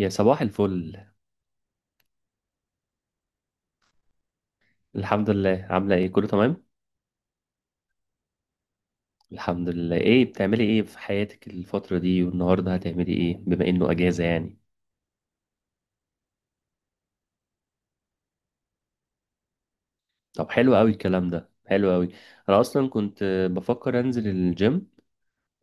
يا صباح الفل. الحمد لله، عاملة ايه؟ كله تمام. الحمد لله. ايه بتعملي ايه في حياتك الفترة دي؟ والنهاردة هتعملي ايه بما انه اجازة يعني؟ طب حلو قوي الكلام ده، حلو قوي. انا اصلا كنت بفكر انزل الجيم،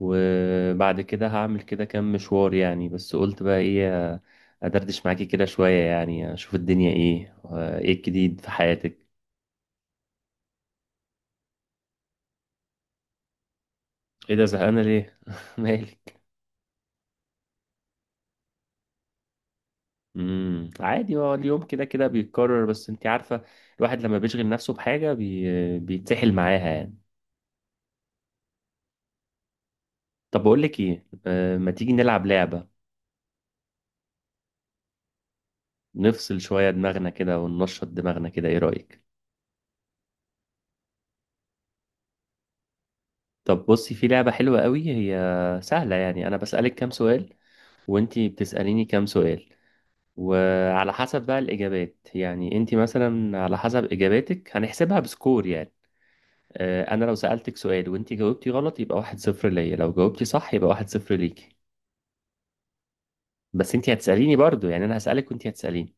وبعد كده هعمل كده كام مشوار يعني، بس قلت بقى ايه، ادردش معاكي كده شوية يعني، اشوف الدنيا ايه. ايه الجديد في حياتك؟ ايه ده، زهقانة ليه؟ مالك؟ عادي، هو اليوم كده كده بيتكرر، بس انت عارفة الواحد لما بيشغل نفسه بحاجة بيتسحل معاها يعني. طب بقول لك ايه، ما تيجي نلعب لعبة؟ نفصل شوية دماغنا كده وننشط دماغنا كده، ايه رأيك؟ طب بصي، في لعبة حلوة قوي، هي سهلة يعني. انا بسألك كام سؤال وانت بتسأليني كام سؤال، وعلى حسب بقى الإجابات، يعني انت مثلا على حسب إجاباتك هنحسبها بسكور يعني. انا لو سألتك سؤال وانت جاوبتي غلط يبقى واحد صفر ليا، لو جاوبتي صح يبقى واحد صفر ليكي. بس انت هتسأليني برضو يعني، انا هسألك وانت هتسأليني.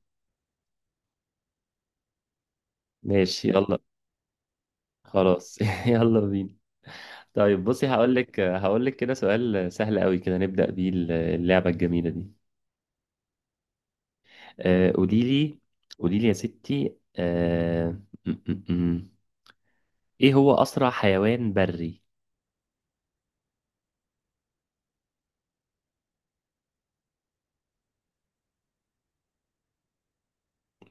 ماشي يلا. خلاص يلا بينا. طيب بصي، هقول لك كده سؤال سهل قوي كده نبدأ بيه اللعبة الجميلة دي. آه، قولي لي قولي لي يا ستي، آه، م- م- م. ايه هو أسرع حيوان بري؟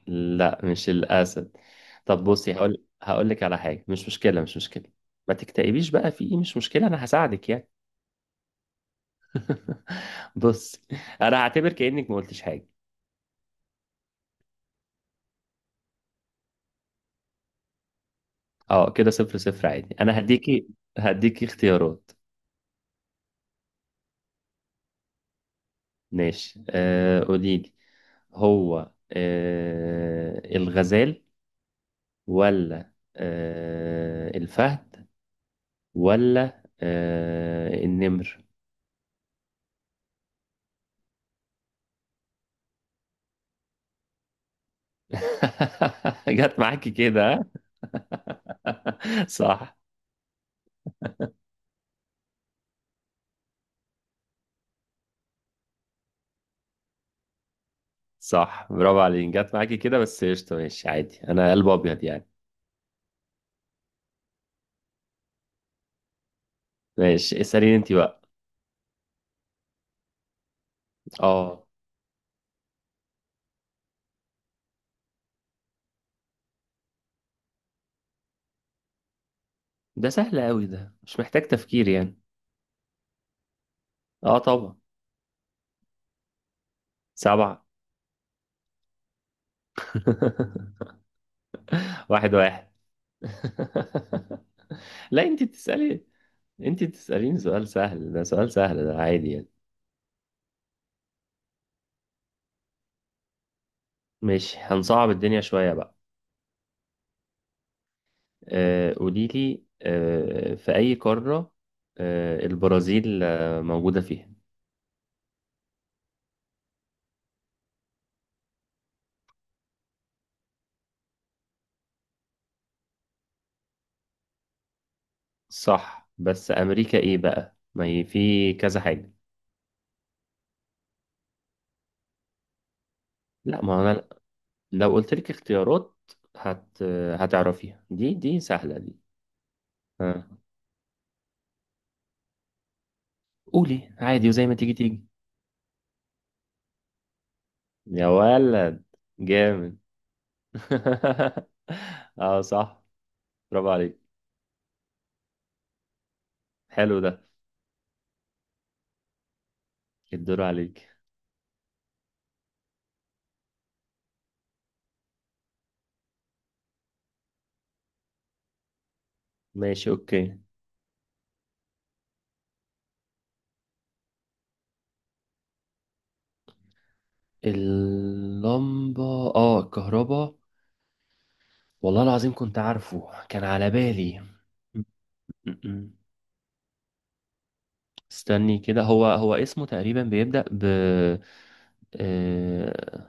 لا مش الأسد. طب بصي، هقول لك على حاجة، مش مشكلة. ما تكتئبيش بقى، في ايه، مش مشكلة، انا هساعدك يعني. بص، انا هعتبر كأنك ما قلتش حاجة. اه كده صفر صفر عادي، انا هديكي اختيارات. ماشي، قولي لي. هو الغزال، ولا الفهد، ولا النمر؟ جت معاكي كده ها؟ صح، صح، برافو عليك، جت معاكي كده، بس قشطة، ماشي عادي، انا قلب ابيض يعني. ماشي اسأليني انت بقى. اه ده سهل قوي، ده مش محتاج تفكير يعني. اه طبعا. سبعة. واحد واحد. لا انت بتسألي، انت بتسأليني سؤال سهل، ده سؤال سهل، ده عادي يعني. ماشي، هنصعب الدنيا شوية بقى. قولي لي، في أي قارة البرازيل موجودة فيها؟ صح، بس أمريكا إيه بقى، ما هي في كذا حاجة. لا ما هو أنا لو قلت لك اختيارات هت هتعرفيها، دي سهلة دي. آه. قولي عادي وزي ما تيجي تيجي. يا ولد، جامد. اه صح، برافو عليك، حلو ده. الدور عليك. ماشي اوكي. اللمبة، اه الكهرباء، والله العظيم كنت عارفه، كان على بالي. م- م- م. استني كده، هو اسمه تقريبا بيبدأ ب آه،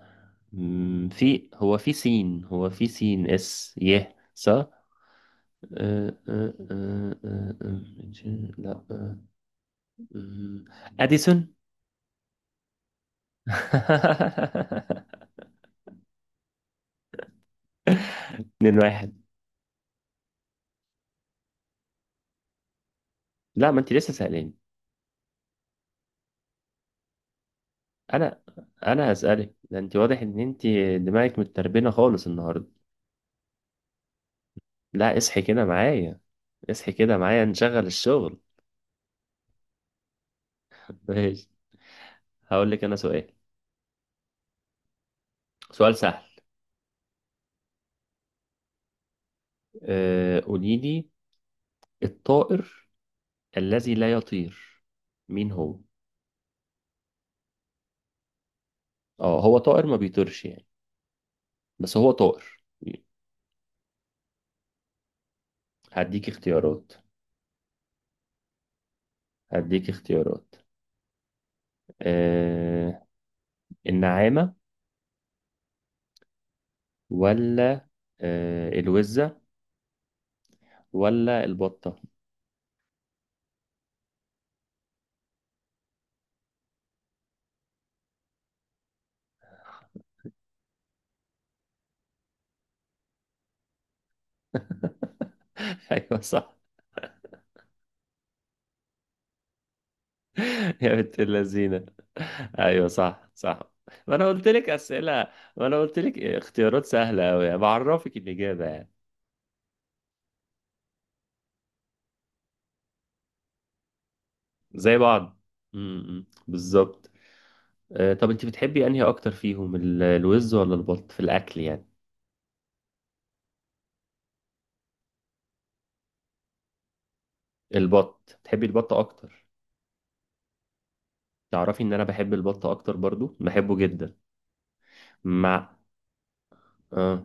في، هو في سين، هو في سين اس يه صح. آه، آه، آه، آه، آه، لا آه، آه، اديسون. اتنين واحد. لا ما انت لسه سألاني. انا انا هسألك، ده انت واضح ان انت دماغك متربينة خالص النهاردة. لا اصحي كده معايا، اصحي كده معايا، نشغل الشغل. ماشي. هقول لك انا سؤال، سؤال سهل. أه قولي لي، الطائر الذي لا يطير مين هو؟ اه هو طائر ما بيطيرش يعني، بس هو طائر. هديك اختيارات هديك اختيارات. أه النعامة، ولا أه الوزة، ولا البطة؟ ايوه صح. يا بنت اللذينة، ايوه صح صح. ما انا قلت لك اسئلة، ما انا قلت لك اختيارات سهلة قوي يعني، بعرفك الاجابة يعني. زي بعض، بالظبط. طب انت بتحبي انهي اكتر فيهم، الوز ولا البط في الاكل يعني؟ البط، بتحبي البط اكتر. تعرفي ان انا بحب البط اكتر برضو، بحبه جدا. مع اه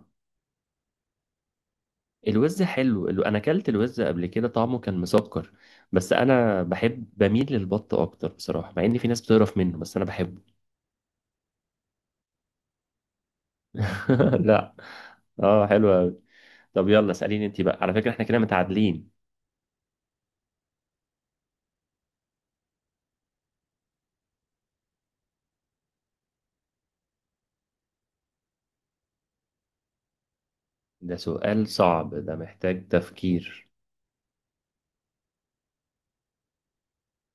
الوز حلو، انا اكلت الوز قبل كده طعمه كان مسكر، بس انا بحب، بميل للبط اكتر بصراحه، مع ان في ناس بتقرف منه بس انا بحبه. لا اه حلو قوي. طب يلا اساليني انت بقى، على فكره احنا كده متعادلين. ده سؤال صعب، ده محتاج تفكير،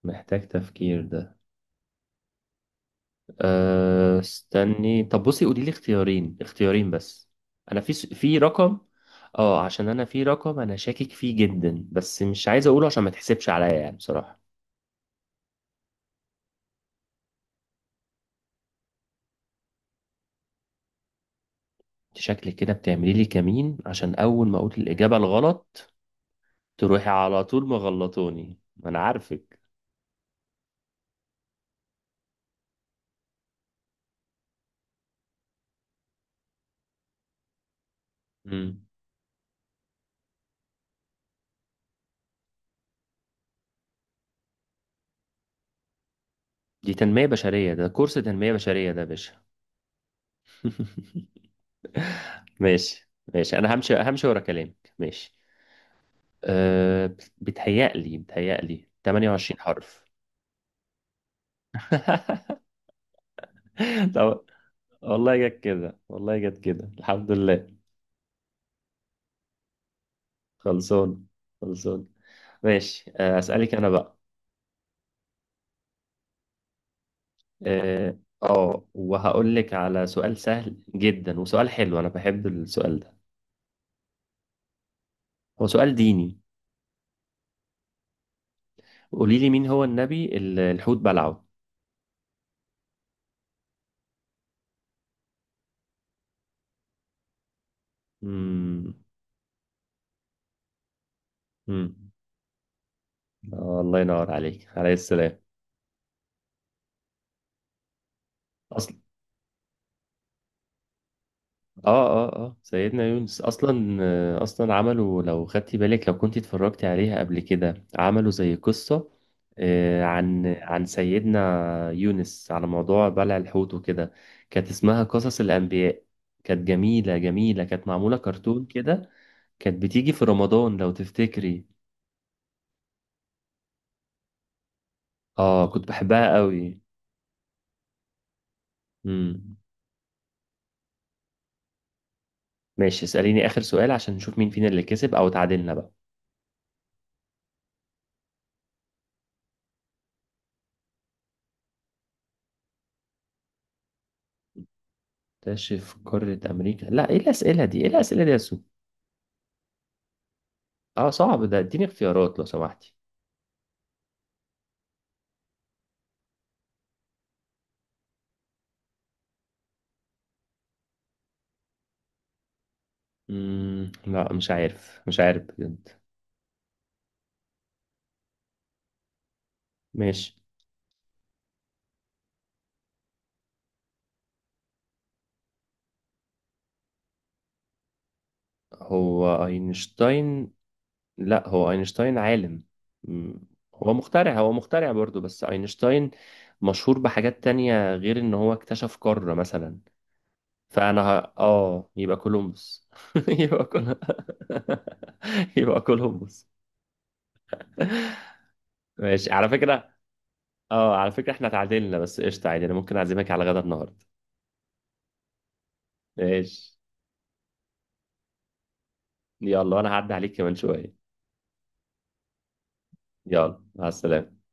محتاج تفكير ده. أه استني، طب بصي قولي لي اختيارين، اختيارين بس. انا في رقم، اه عشان انا في رقم انا شاكك فيه جدا بس مش عايز اقوله عشان ما تحسبش عليا يعني بصراحه. شكلك كده بتعملي لي كمين، عشان اول ما اقول الاجابه الغلط تروحي على طول مغلطوني، ما انا عارفك. مم. دي تنميه بشريه، ده كورس تنميه بشريه ده يا باشا. ماشي ماشي، انا همشي، همشي ورا كلامك، ماشي. أه بتهيألي 28 حرف. طب، والله جت كده، والله جت كده، الحمد لله. خلصان، خلصان. ماشي، اسالك انا بقى. اه، وهقول لك على سؤال سهل جدا، وسؤال حلو، انا بحب السؤال ده، هو سؤال ديني. قولي لي مين هو النبي اللي الحوت بلعه؟ امم امم الله ينور عليك، عليه السلام. اصل اه اه اه سيدنا يونس اصلا، اصلا عملوا، لو خدتي بالك لو كنت اتفرجتي عليها قبل كده، عملوا زي قصة عن سيدنا يونس على موضوع بلع الحوت وكده. كانت اسمها قصص الانبياء، كانت جميلة جميلة، كانت معمولة كرتون كده، كانت بتيجي في رمضان لو تفتكري. اه كنت بحبها قوي. امم ماشي اسأليني اخر سؤال عشان نشوف مين فينا اللي كسب او تعادلنا بقى. تشرف قارة امريكا، لا ايه الاسئلة دي، ايه الاسئلة دي يا سو؟ اه صعب ده، اديني اختيارات لو سمحتي. لا مش عارف، مش عارف بجد. ماشي. هو اينشتاين، لا هو اينشتاين عالم. مم. هو مخترع برضو، بس اينشتاين مشهور بحاجات تانية غير ان هو اكتشف قارة مثلا. فانا اه يبقى كولومبوس. يبقى كول يبقى كولومبوس. ماشي، على فكرة، اه على فكرة احنا اتعادلنا، بس قشطة عادي انا ممكن اعزمك على غدا النهاردة. ماشي يلا، وانا هعدي عليك كمان شوية. يلا مع السلامة.